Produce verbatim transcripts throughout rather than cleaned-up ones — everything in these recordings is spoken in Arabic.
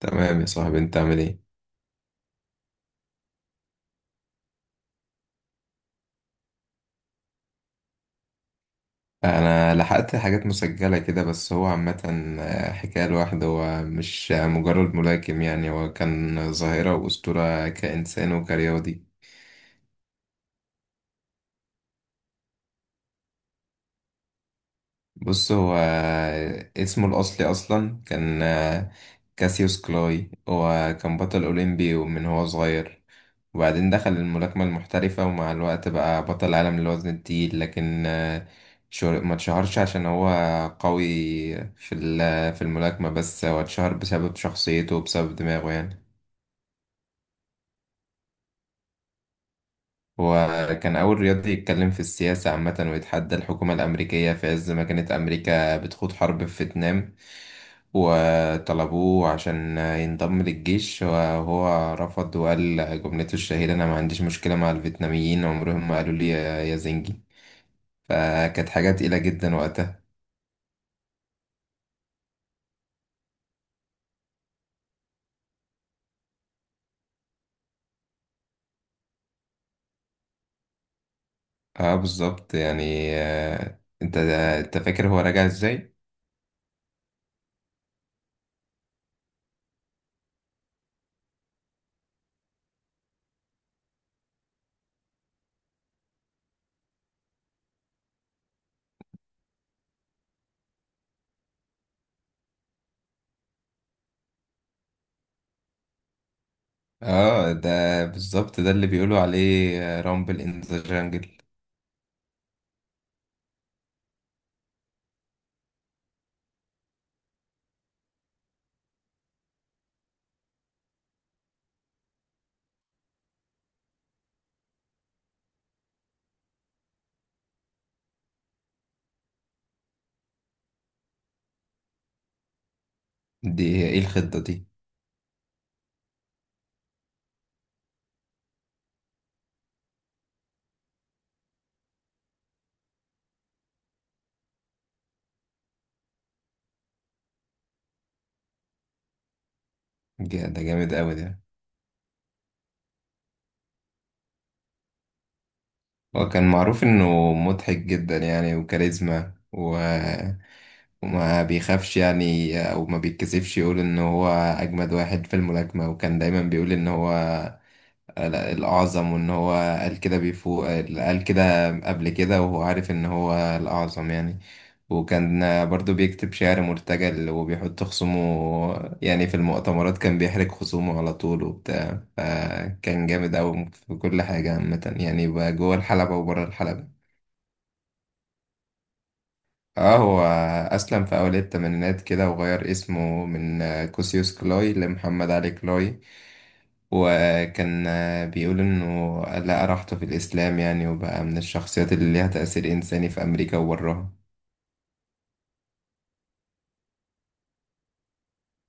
تمام يا صاحبي، انت عامل ايه؟ انا لحقت حاجات مسجلة كده، بس هو عامة حكاية لوحده. هو مش مجرد ملاكم، يعني هو كان ظاهرة وأسطورة كإنسان وكرياضي. بص، هو اسمه الأصلي أصلا كان كاسيوس كلاي. هو كان بطل أولمبي ومن هو صغير، وبعدين دخل الملاكمة المحترفة، ومع الوقت بقى بطل عالم للوزن التقيل. لكن آه، شهر- ما اتشهرش عشان هو قوي في ال- في الملاكمة، بس هو اتشهر بسبب شخصيته وبسبب دماغه يعني. هو كان أول رياضي يتكلم في السياسة عامة، ويتحدى الحكومة الأمريكية في عز ما كانت أمريكا بتخوض حرب في فيتنام، وطلبوه عشان ينضم للجيش وهو رفض، وقال جملته الشهيرة: أنا ما عنديش مشكلة مع الفيتناميين، عمرهم ما قالوا لي يا زنجي. فكانت حاجة تقيلة جدا وقتها. اه بالظبط يعني، آه انت انت فاكر هو راجع ازاي؟ اه ده بالظبط، ده اللي بيقولوا عليه رامبل ان ذا جانجل. دي هي ايه الخطة دي؟ جا- ده جامد قوي ده. هو كان معروف انه مضحك جدا يعني وكاريزما و... وما بيخافش يعني، او ما بيتكسفش يقول ان هو اجمد واحد في الملاكمة، وكان دايما بيقول ان هو لا، الأعظم. وإن هو قال كده بيفوق، قال كده قبل كده، وهو عارف إن هو الأعظم يعني. وكان برضو بيكتب شعر مرتجل، وبيحط خصومه يعني في المؤتمرات، كان بيحرج خصومه على طول وبتاع، فكان جامد أوي في كل حاجة عامة، يعني بقى جوه الحلبة وبره الحلبة. اه، هو أسلم في أوائل التمانينات كده، وغير اسمه من آه، كوسيوس كلوي لمحمد علي كلوي. وكان آه، بيقول إنه لقى راحته في الإسلام يعني، وبقى من الشخصيات اللي ليها تأثير إنساني في أمريكا وبرها.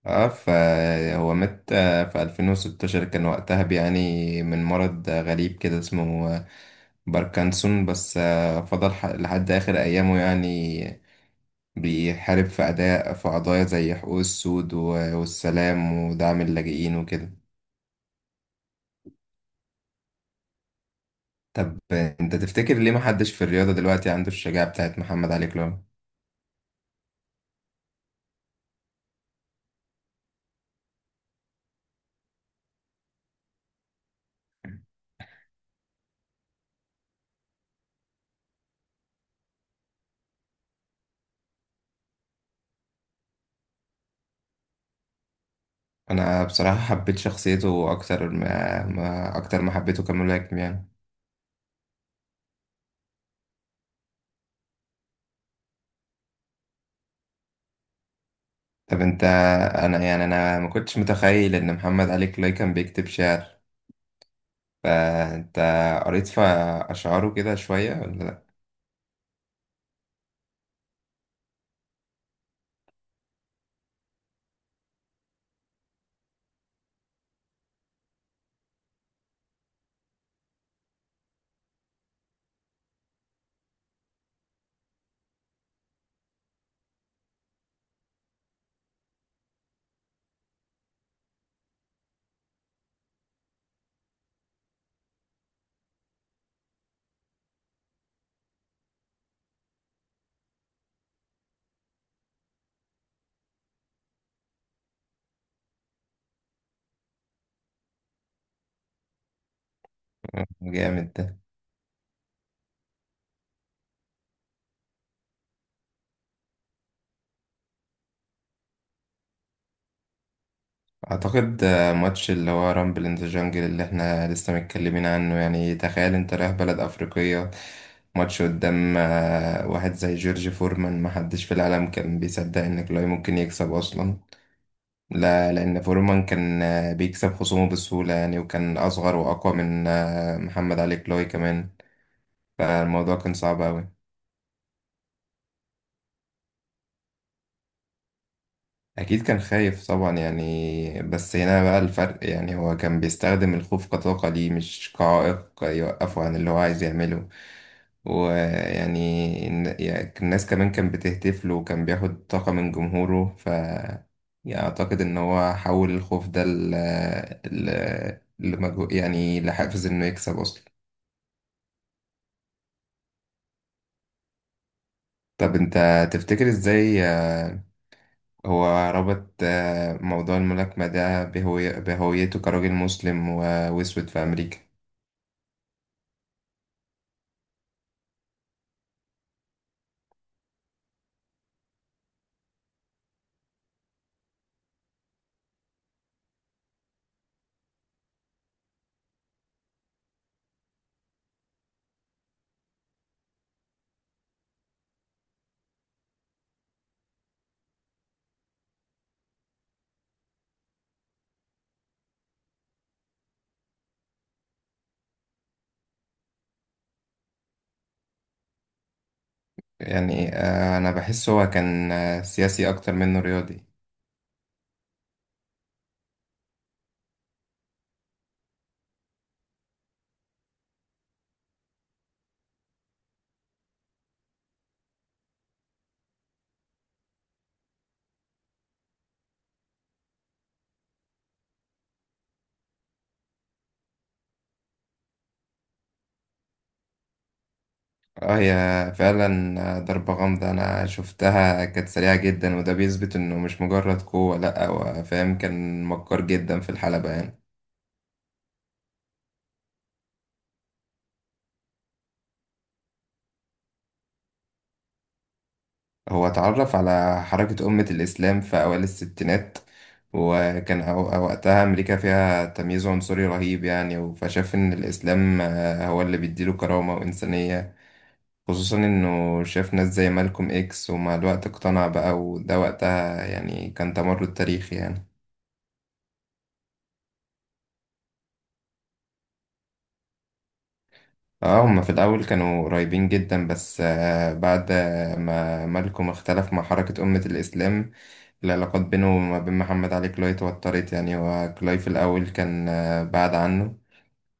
اه فهو مات آه، في ألفين وستاشر، كان وقتها بيعاني من مرض آه، غريب كده اسمه آه، باركنسون. بس آه، فضل ح- لحد آخر أيامه، يعني بيحارب في أداء في قضايا زي حقوق السود و- والسلام ودعم اللاجئين وكده. طب انت تفتكر ليه محدش في الرياضة دلوقتي عنده الشجاعة بتاعت محمد علي كلاي؟ انا بصراحة حبيت شخصيته اكتر ما, ما اكتر ما حبيته كملاكم يعني. طب انت، انا يعني انا ما كنتش متخيل ان محمد علي كلاي كان بيكتب شعر. فانت قريت في اشعاره كده شوية ولا لأ؟ جامد ده. اعتقد آه، ماتش اللي هو رامبل ان ذا جانجل اللي احنا لسه متكلمين عنه. يعني تخيل انت رايح بلد افريقية، ماتش قدام آه، واحد زي جورج فورمان، ما حدش في العالم كان بيصدق ان كلاي ممكن يكسب اصلا. لا، لان فورمان كان آه، بيكسب خصومه بسهولة يعني، وكان اصغر واقوى من آه، محمد علي كلاي كمان. فالموضوع كان صعب اوي. أكيد كان خايف طبعا يعني، بس هنا بقى الفرق. يعني هو كان بيستخدم الخوف كطاقة ليه، مش كعائق يوقفه عن اللي هو عايز يعمله. ويعني الن- يعني الناس كمان كان بتهتف له، وكان بياخد طاقة من جمهوره. ف يعني أعتقد إن هو حول الخوف ده ل ل- لمجهو- يعني لحافز إنه يكسب أصلا. طب أنت تفتكر إزاي آه، هو ربط آه، موضوع الملاكمة ده بهوي- بهويته كراجل مسلم و- وأسود في أمريكا؟ يعني آه، أنا بحس هو كان آه، سياسي أكتر منه رياضي. اه، هي فعلا آه، ضربة غامضة. أنا شفتها كانت سريعة جدا، وده بيثبت إنه مش مجرد قوة. لأ، هو فاهم، كان مكار جدا في الحلبة يعني. هو اتعرف على حركة أمة الإسلام في أوائل الستينات، وكان أو- وقتها أمريكا فيها تمييز عنصري رهيب يعني. فشاف إن الإسلام آه، هو اللي بيديله كرامة وإنسانية، خصوصا إنه شاف ناس زي مالكوم إكس. ومع الوقت اقتنع بقى، وده وقتها يعني كان تمرد تاريخي يعني. اه، هما في الأول كانوا قريبين جدا، بس آه، بعد ما مالكم اختلف مع حركة أمة الإسلام، العلاقات بينه وما بين محمد علي كلاي اتوترت يعني. هو كلاي في الأول كان آه، بعد عنه،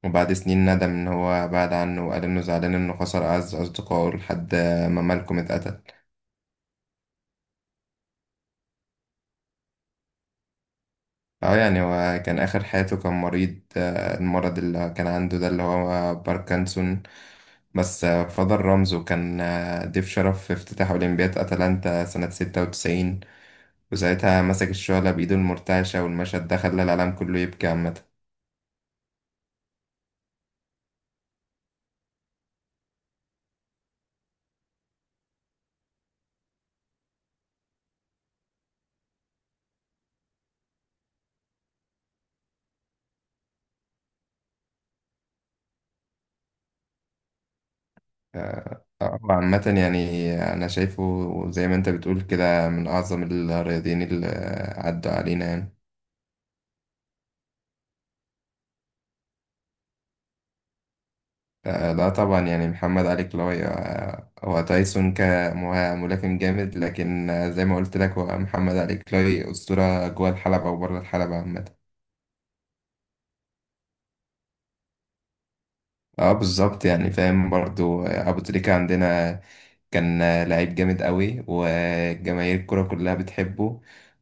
وبعد سنين ندم إن هو بعد عنه، وقال إنه زعلان إنه خسر أعز أصدقائه لحد آه، ما مالكم اتقتل. اه يعني هو كان آخر حياته كان مريض، آه، المرض اللي كان عنده ده اللي هو باركنسون. بس آه، فضل رمزه. كان آه، ضيف شرف في افتتاح أولمبياد أتلانتا سنة ستة وتسعين، وساعتها مسك الشعلة بإيده المرتعشة، والمشهد ده خلى العالم كله يبكي عامة. آه، آه، عامة يعني أنا شايفه زي ما أنت بتقول كده، من أعظم الرياضيين اللي عدوا علينا يعني. آه، لا طبعا يعني محمد علي كلاي. آه، هو تايسون كملاكم جامد، لكن آه، زي ما قلت لك، هو محمد علي كلاي أسطورة جوه الحلبة وبره الحلبة عامة. اه بالظبط، يعني فاهم برضو. آه، ابو تريكة عندنا كان آه، لعيب جامد قوي، وجماهير الكرة كلها بتحبه،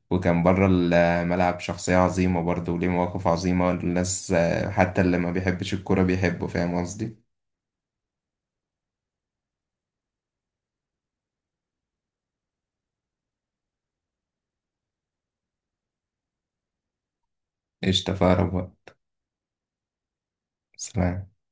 وكان بره الملعب شخصية عظيمة برضو وليه مواقف عظيمة، والناس آه، حتى اللي ما بيحبش الكرة بيحبه. فاهم قصدي؟ قشطة، فأقرب بقى. سلام.